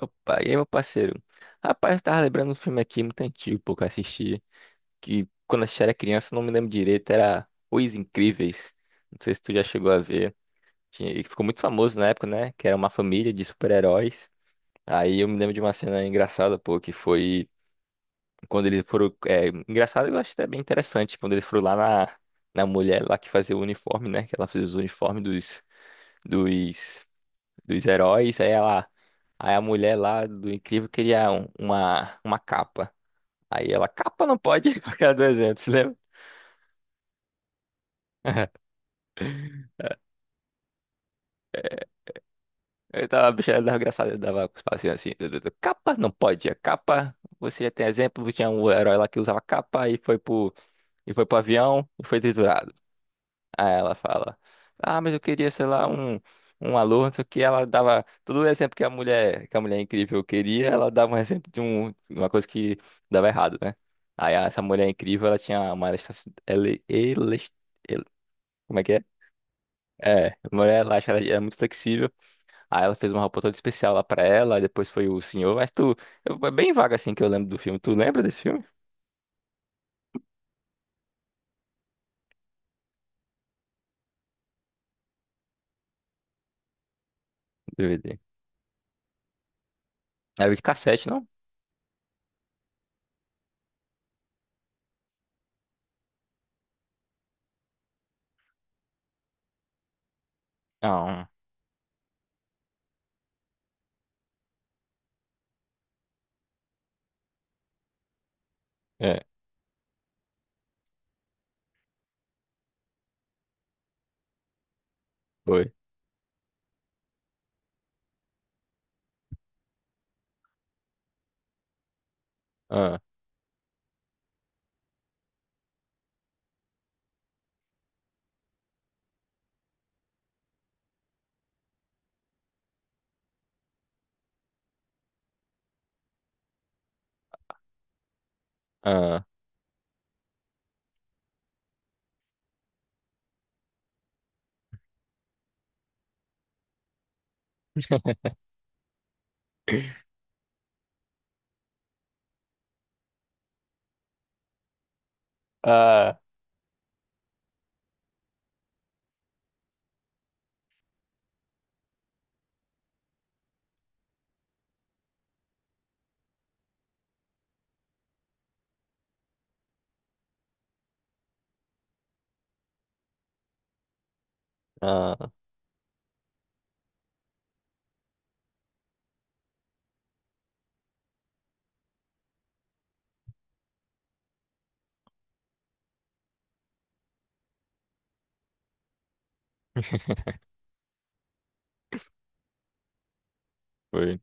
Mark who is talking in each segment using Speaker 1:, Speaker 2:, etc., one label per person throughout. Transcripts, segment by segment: Speaker 1: Opa, e aí, meu parceiro? Rapaz, eu tava lembrando um filme aqui muito antigo, pô, que eu assisti, que quando eu assisti era criança, eu não me lembro direito, era Os Incríveis. Não sei se tu já chegou a ver. E ficou muito famoso na época, né? Que era uma família de super-heróis. Aí eu me lembro de uma cena engraçada, pô, que foi quando eles foram. É, engraçado, eu acho até bem interessante, quando eles foram lá na, na mulher lá que fazia o uniforme, né? Que ela fez os uniformes Dos dos heróis, aí ela, aí a mulher lá do Incrível queria uma capa. Aí ela, capa não pode, porque era 200, lembra? Eu tava, a bicha era engraçada, eu dava os passinhos assim, capa não pode, é capa, você já tem exemplo, tinha um herói lá que usava capa e foi pro avião e foi triturado. Aí ela fala, ah, mas eu queria, sei lá, um aluno, só que ela dava todo o exemplo que a mulher, incrível queria, ela dava um exemplo de uma coisa que dava errado, né? Aí essa mulher incrível, ela tinha uma elasticidade, como é que é? É, a mulher elástica, ela era muito flexível, aí ela fez uma roupa toda especial lá pra ela, aí depois foi o senhor, mas tu, é bem vaga assim que eu lembro do filme, tu lembra desse filme? DVD. Era de cassete, não? Não, é, foi. Ah, ah, ah. Ah, foi.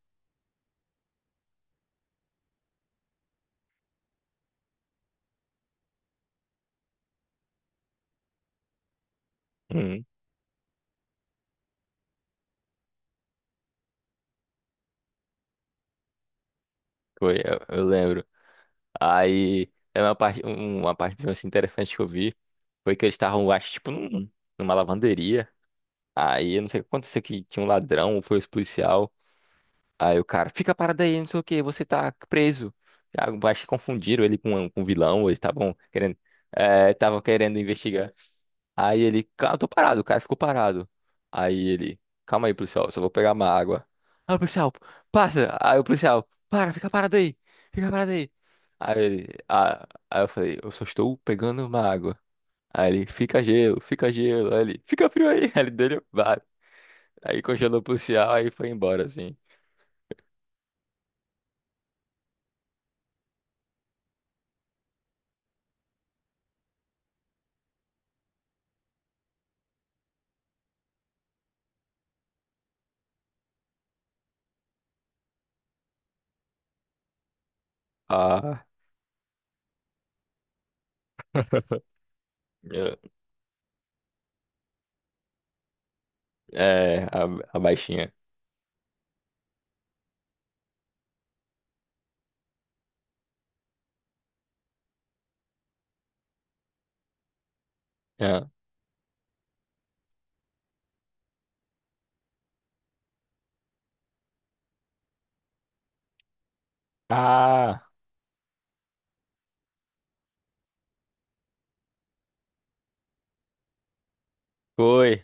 Speaker 1: Uhum. Foi, eu lembro. Aí, é uma parte, uma parte assim, interessante que eu vi foi que eles estavam, acho, tipo, numa lavanderia. Aí, eu não sei o que aconteceu, que tinha um ladrão, ou foi os policial. Aí o cara, fica parado aí, não sei o que, você tá preso. Ah, eu acho que confundiram ele com um vilão, ou eles estavam querendo, é, estavam querendo investigar. Aí ele, cara, eu tô parado, o cara ficou parado. Aí ele, calma aí, policial, só vou pegar uma água. Aí o policial, passa! Aí o policial, para, fica parado aí, fica parado aí. Aí ele, ah, aí eu falei, eu só estou pegando uma água. Aí ele, fica gelo, fica gelo. Aí ele, fica frio aí. Aí ele dele, vai. Aí congelou o policial, aí foi embora, assim. Ah, eu- é, a baixinha. É. Ah, foi.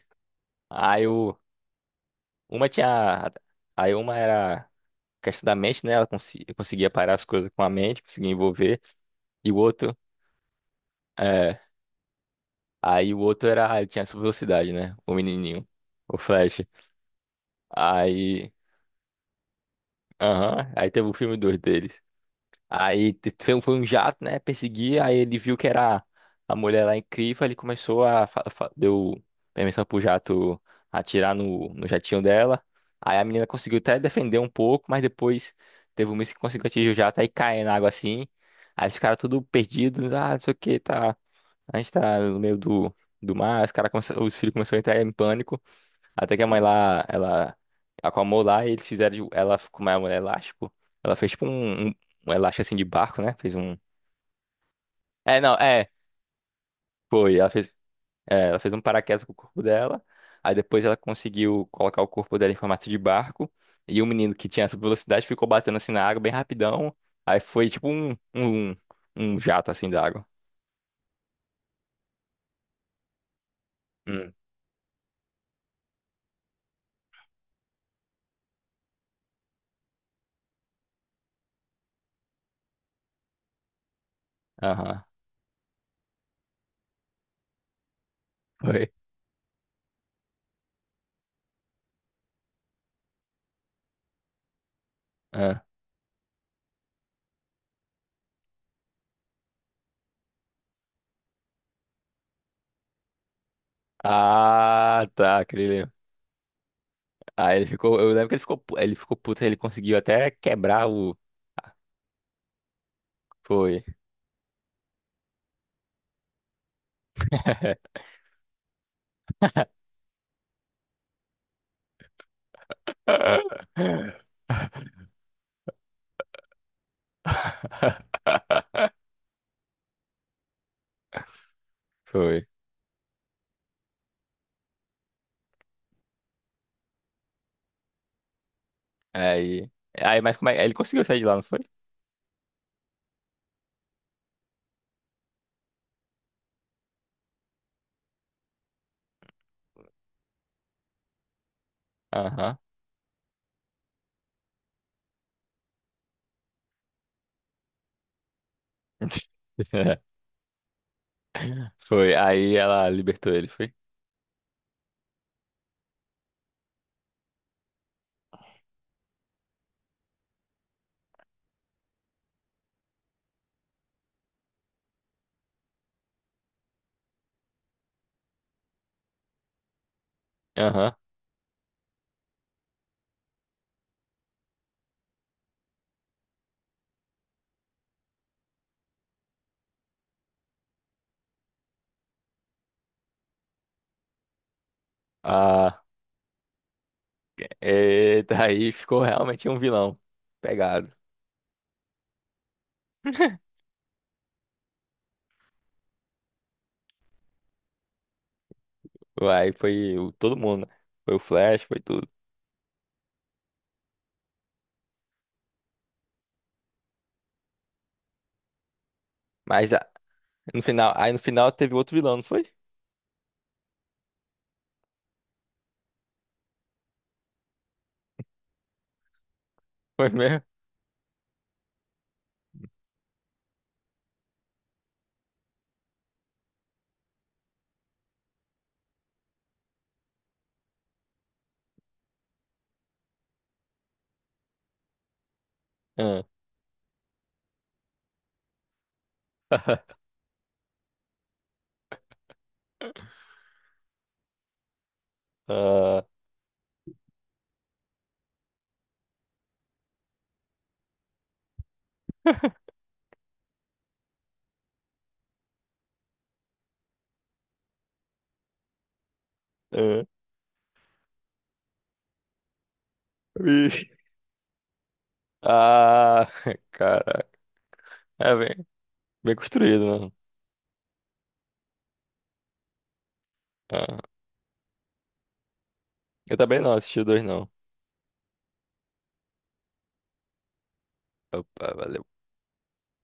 Speaker 1: Aí o, uma tinha, aí uma era. Questão da mente, né? Ela eu conseguia parar as coisas com a mente, conseguia envolver. E o outro, é, aí o outro era, ele tinha essa velocidade, né? O menininho, o Flash. Aí, aham, aí teve o filme dois deles. Aí foi um jato, né? Perseguir, aí ele viu que era a mulher lá incrível, ele começou a. Deu permissão pro jato atirar no, no jatinho dela. Aí a menina conseguiu até defender um pouco, mas depois teve um míssil que conseguiu atingir o jato, aí cai na água assim. Aí eles ficaram tudo perdidos, ah, não sei o que, tá. A gente tá no meio do, do mar, os, cara os filhos começaram a entrar em pânico. Até que a mãe lá, ela acalmou lá e eles fizeram, ela como é um elástico, ela fez tipo um, um, um elástico assim de barco, né? Fez um. É, não, é, foi. Ela fez, é, ela fez um paraquedas com o corpo dela. Aí depois ela conseguiu colocar o corpo dela em formato de barco. E o menino que tinha essa velocidade ficou batendo assim na água bem rapidão. Aí foi tipo um jato assim da água. Hum. Aham. Foi. Ah, ah, tá, querido. Aí ele ficou, eu lembro que ele ficou, ele ficou puto, ele conseguiu até quebrar o. Foi. Foi. Aí. Aí, mas como é? Ele conseguiu sair de lá, não foi? Aham. Foi. Aí ela libertou ele, foi? Aham. Ah. Eita, aí ficou realmente um vilão. Pegado. Aí foi todo mundo, né? Foi o Flash, foi tudo. Mas ah, no final, aí no final teve outro vilão, não foi? Foi mesmo? Ah, ah, ah. Ih. Ah, cara. É bem, bem construído, né? Ah, eu também não assisti o dois, não. Opa, valeu.